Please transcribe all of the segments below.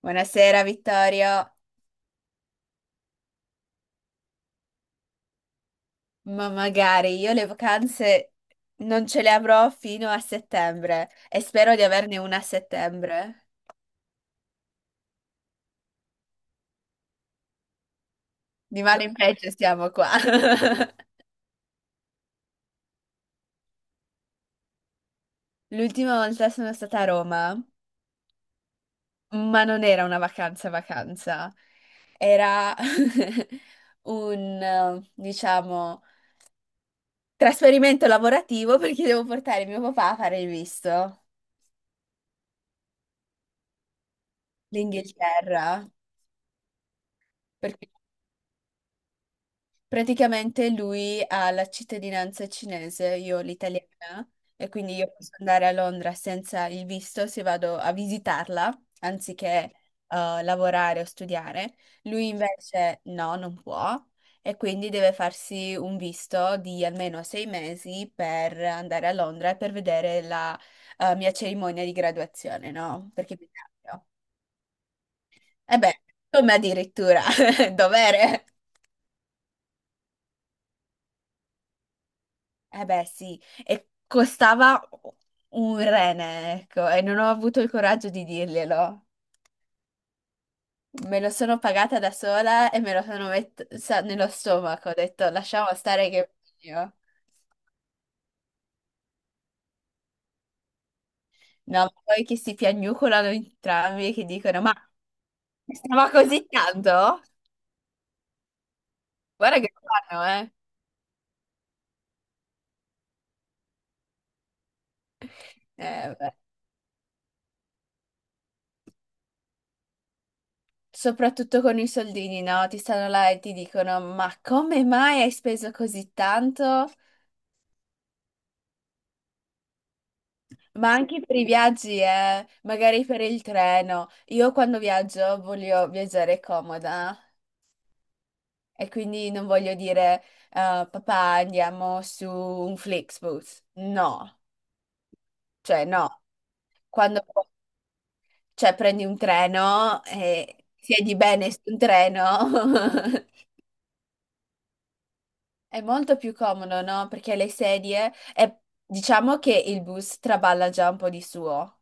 Buonasera Vittorio, ma magari io le vacanze non ce le avrò fino a settembre e spero di averne una a settembre. Di male in peggio siamo qua. L'ultima volta sono stata a Roma, ma non era una vacanza vacanza, era un trasferimento lavorativo perché devo portare mio papà a fare il visto, l'Inghilterra. Perché Praticamente lui ha la cittadinanza cinese, io ho l'italiana, e quindi io posso andare a Londra senza il visto se vado a visitarla, anziché lavorare o studiare. Lui invece no, non può, e quindi deve farsi un visto di almeno 6 mesi per andare a Londra e per vedere la mia cerimonia di graduazione, no? Perché mi cambio. E beh, come addirittura, dovere. Eh beh, sì, e costava un rene, ecco, e non ho avuto il coraggio di dirglielo. Me lo sono pagata da sola e me lo sono messa nello stomaco. Ho detto, lasciamo stare che io. No, ma poi che si piagnucolano entrambi, che dicono, ma stava così tanto? Guarda che fanno, eh. Beh. Soprattutto con i soldini, no? Ti stanno là e ti dicono, ma come mai hai speso così tanto? Ma anche per i viaggi, magari per il treno. Io quando viaggio voglio viaggiare comoda e quindi non voglio dire papà andiamo su un Flixbus. No, cioè no, quando cioè, prendi un treno e siedi bene su un treno è molto più comodo, no? Perché le sedie e diciamo che il bus traballa già un po' di suo.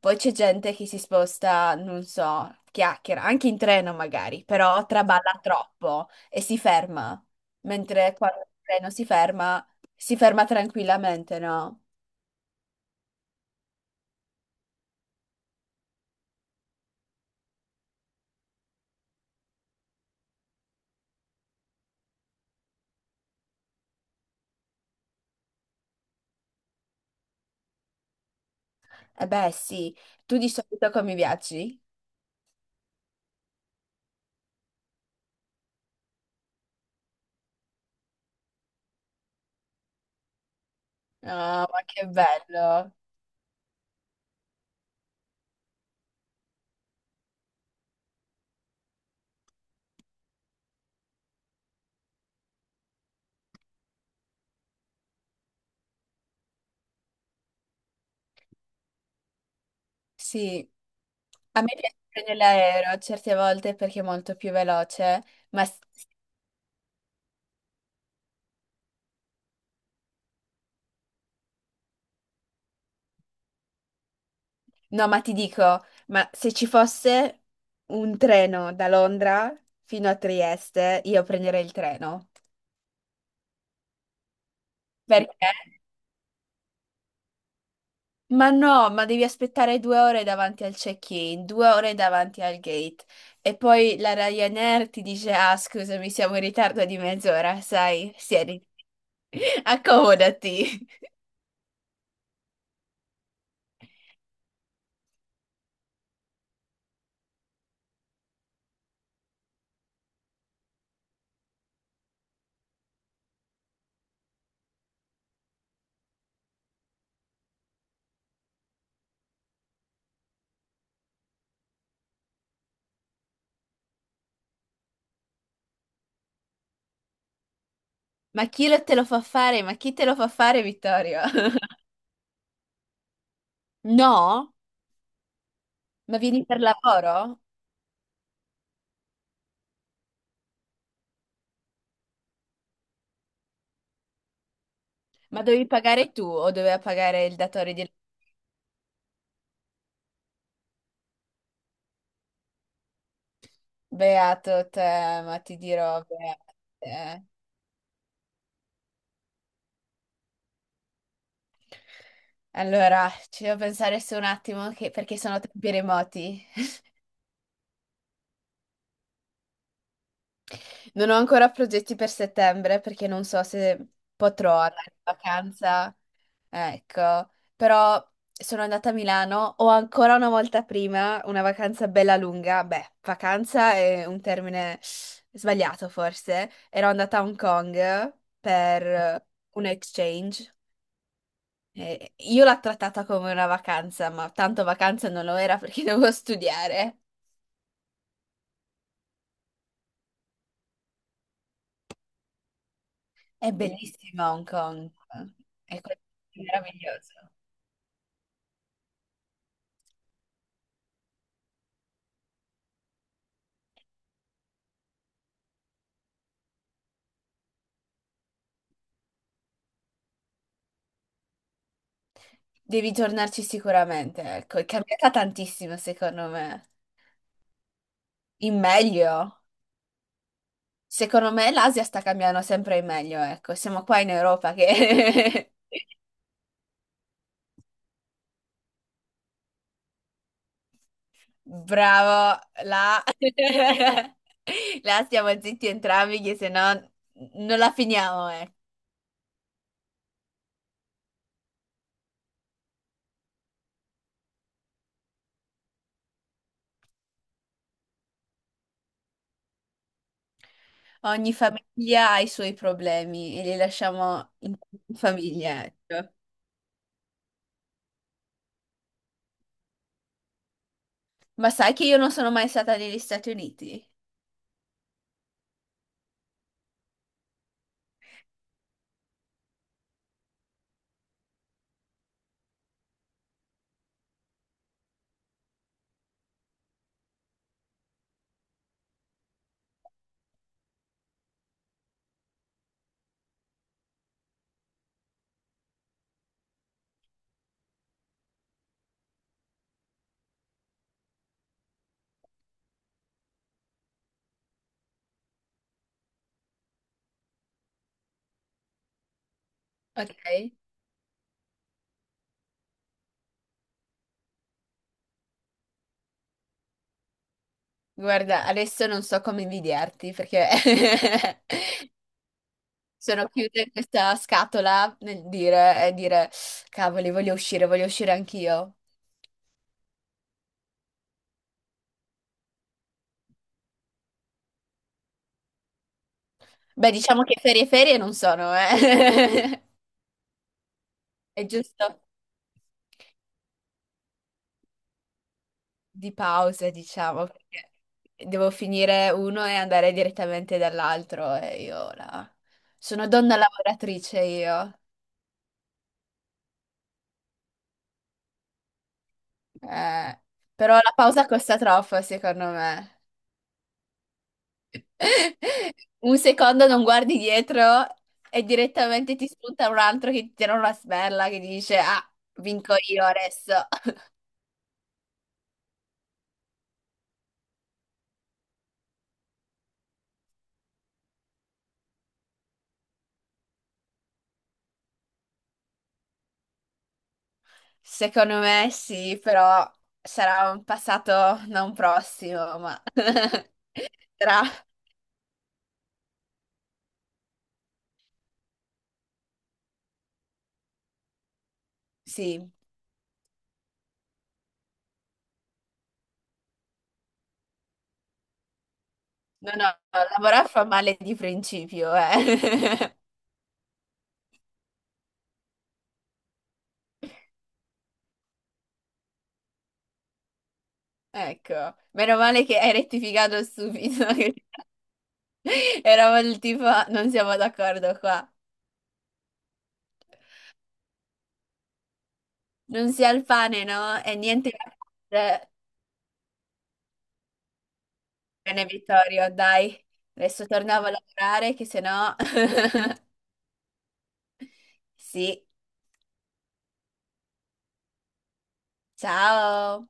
Poi c'è gente che si sposta, non so, chiacchiera, anche in treno magari, però traballa troppo e si ferma, mentre quando il treno si ferma tranquillamente, no? Eh beh, sì. Tu di solito come viaggi? Ah, ma che bello. Sì. A me piace prendere l'aereo certe volte perché è molto più veloce, ma No, ma ti dico, ma se ci fosse un treno da Londra fino a Trieste, io prenderei il treno. Perché? Ma no, ma devi aspettare 2 ore davanti al check-in, 2 ore davanti al gate. E poi la Ryanair ti dice, ah, scusami, siamo in ritardo di mezz'ora, sai, siediti, accomodati. Ma chi lo te lo fa fare? Ma chi te lo fa fare, Vittorio? No? Ma vieni per lavoro? Ma dovevi pagare tu o doveva pagare il datore di... Beato te, ma ti dirò, beato te. Allora, ci devo pensare su un attimo perché sono tempi remoti. Non ho ancora progetti per settembre perché non so se potrò andare in vacanza. Ecco, però sono andata a Milano, ho ancora una volta prima una vacanza bella lunga. Beh, vacanza è un termine sbagliato forse. Ero andata a Hong Kong per un exchange. E io l'ho trattata come una vacanza, ma tanto vacanza non lo era perché dovevo studiare. È bellissima Hong Kong, è qualcosa di meraviglioso. Devi tornarci sicuramente, ecco, è cambiata tantissimo secondo me. In meglio. Secondo me l'Asia sta cambiando sempre in meglio, ecco. Siamo qua in Europa che... Bravo, là. Là stiamo zitti entrambi che se no non la finiamo, eh. Ogni famiglia ha i suoi problemi e li lasciamo in famiglia, ecco. Ma sai che io non sono mai stata negli Stati Uniti, ok? Guarda, adesso non so come invidiarti perché sono chiusa in questa scatola nel dire, e dire, cavoli, voglio uscire anch'io. Beh, diciamo che ferie ferie non sono, eh. È giusto di pausa, diciamo, perché devo finire uno e andare direttamente dall'altro e io sono donna lavoratrice io. Eh, però la pausa costa troppo, secondo me. Un secondo non guardi dietro e direttamente ti spunta un altro che ti tira una sberla che dice: Ah, vinco io adesso. Secondo me sì, però sarà un passato non prossimo, ma sarà sì. No, no, lavorare fa male di principio, eh. Ecco, meno male che hai rettificato subito. Eravamo il tipo, non siamo d'accordo qua. Non si ha il pane, no? E niente da fare. Bene, Vittorio, dai. Adesso tornavo a lavorare, che se no... Sì, ciao!